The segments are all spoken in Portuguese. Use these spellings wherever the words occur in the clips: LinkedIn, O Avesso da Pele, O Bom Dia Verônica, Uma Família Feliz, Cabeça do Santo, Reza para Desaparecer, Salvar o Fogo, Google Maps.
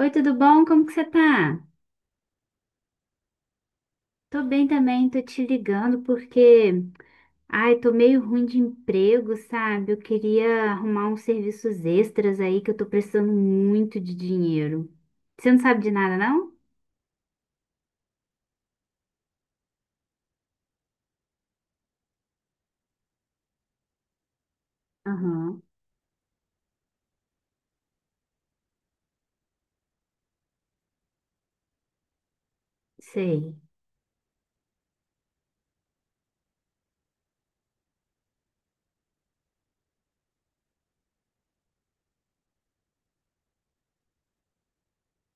Oi, tudo bom? Como que você tá? Tô bem também, tô te ligando porque, ai, tô meio ruim de emprego, sabe? Eu queria arrumar uns serviços extras aí que eu tô precisando muito de dinheiro. Você não sabe de nada, não? Aham, sei.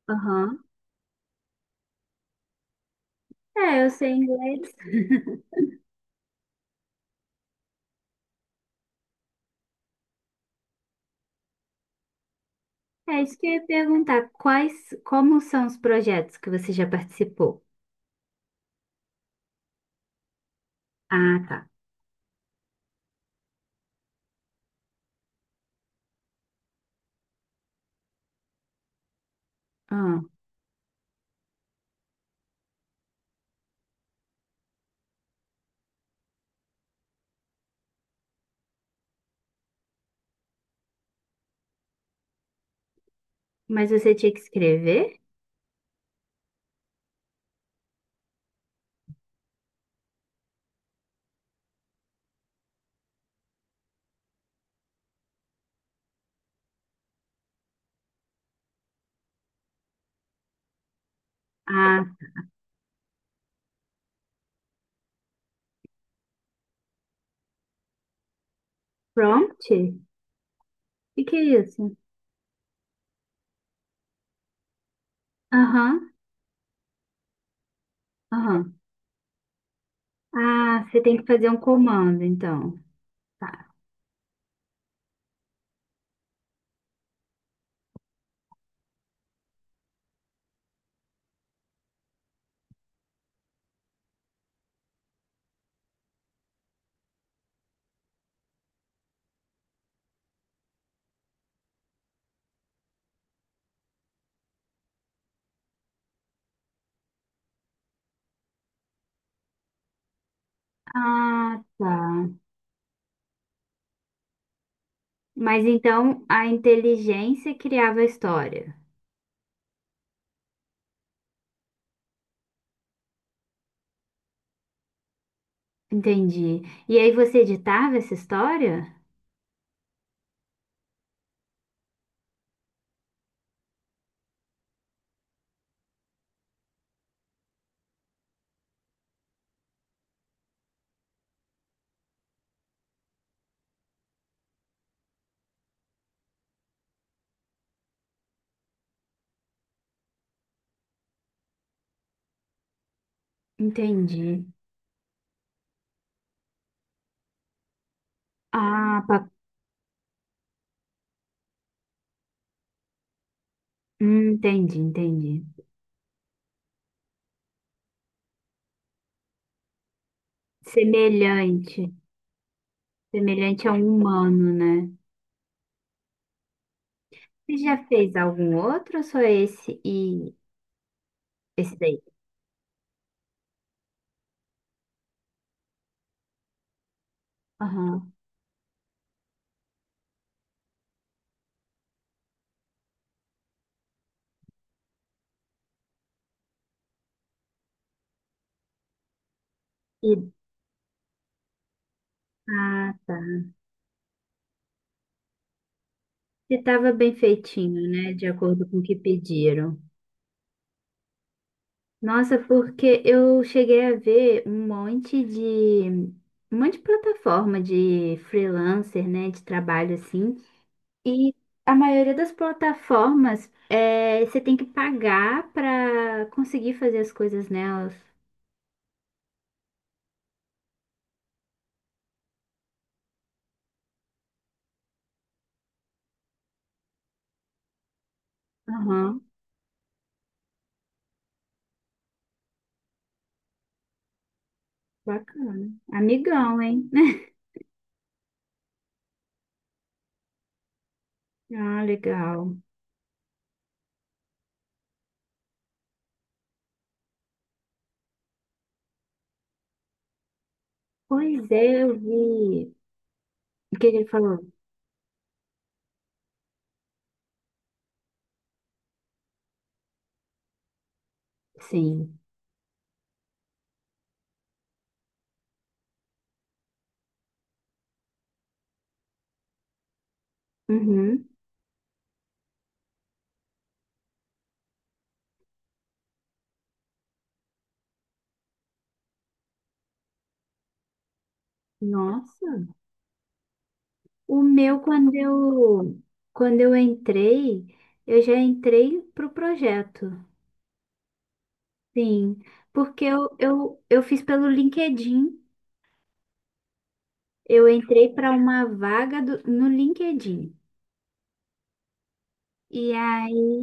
Aham. É, eu sei inglês. É isso que eu ia perguntar. Quais, como são os projetos que você já participou? Ah, tá. Ah, mas você tinha que escrever? Ah, prompt? O que que é isso? Aham. Aham. Ah, você tem que fazer um comando, então. Tá. Ah, tá. Mas então a inteligência criava a história. Entendi. E aí você editava essa história? Entendi. Ah, pa- entendi, entendi. Semelhante. Semelhante a um humano, né? Você já fez algum outro ou só esse e esse daí? Aham. E... Ah, tá. Você estava bem feitinho, né? De acordo com o que pediram. Nossa, porque eu cheguei a ver um monte de plataforma de freelancer, né, de trabalho assim. E a maioria das plataformas é, você tem que pagar para conseguir fazer as coisas nelas. Aham, bacana. Amigão, hein? Ah, legal. Pois é, eu vi. O que que ele falou? Sim. Uhum. Nossa. O meu, quando eu entrei, eu já entrei pro projeto, sim, porque eu fiz pelo LinkedIn, eu entrei para uma vaga do- no LinkedIn, e aí,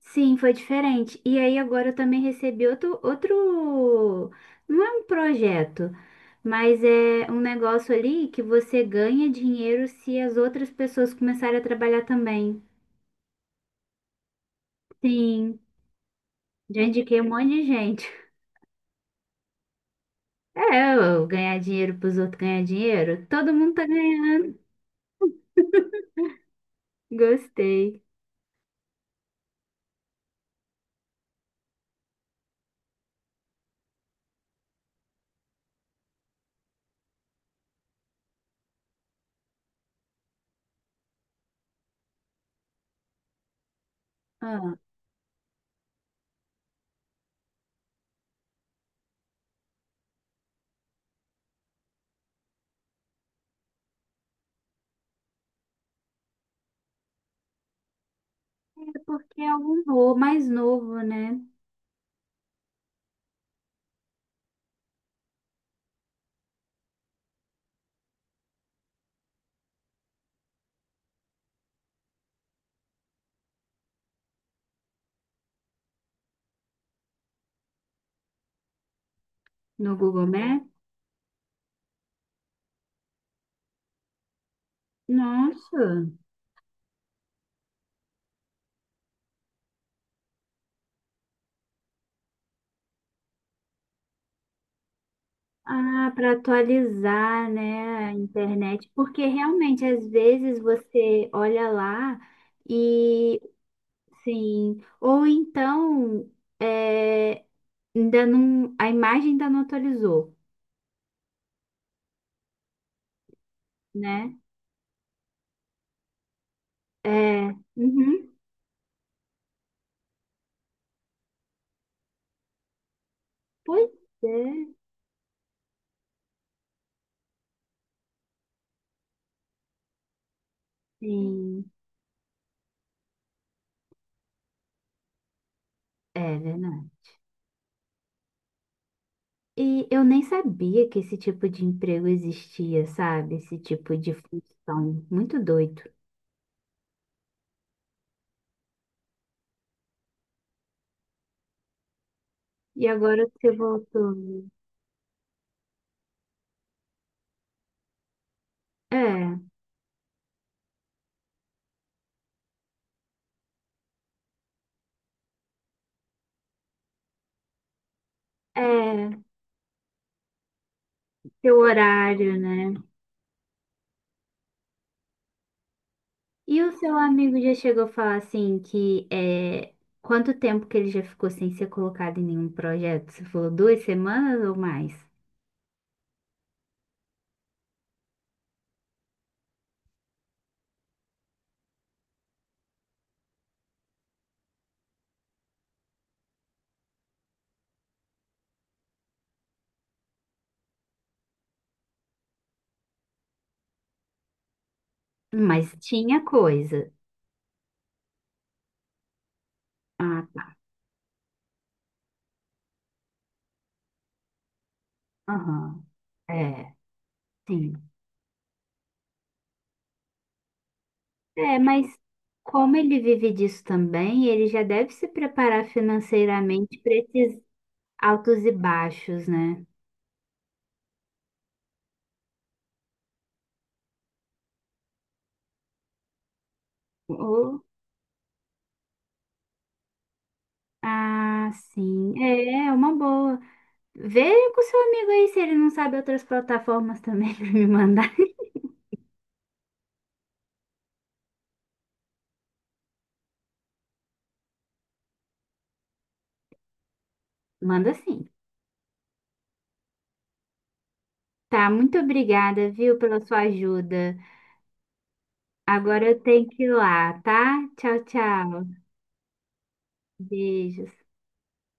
sim, foi diferente, e aí agora eu também recebi outro, não é um projeto, mas é um negócio ali que você ganha dinheiro se as outras pessoas começarem a trabalhar também, sim, já indiquei um monte de gente. É, eu ganhar dinheiro pros outros ganhar dinheiro. Todo mundo tá ganhando. Gostei. Ah, é porque é um novo, mais novo, né? No Google Maps. Nossa. Ah, para atualizar, né, a internet, porque realmente às vezes você olha lá e sim, ou então é, ainda não, a imagem ainda não atualizou, né? É, uhum, pois é, sim. É verdade. E eu nem sabia que esse tipo de emprego existia, sabe? Esse tipo de função. Muito doido. E agora você voltou. É, é, seu horário, né? E o seu amigo já chegou a falar assim que é quanto tempo que ele já ficou sem ser colocado em nenhum projeto? Você falou duas semanas ou mais? Mas tinha coisa. Ah, tá. Aham. É, sim. É, mas como ele vive disso também, ele já deve se preparar financeiramente para esses altos e baixos, né? Ou, ah, sim, é, é uma boa. Vê com seu amigo aí se ele não sabe outras plataformas também para me mandar. Manda sim. Tá, muito obrigada, viu, pela sua ajuda. Agora eu tenho que ir lá, tá? Tchau, tchau. Beijos.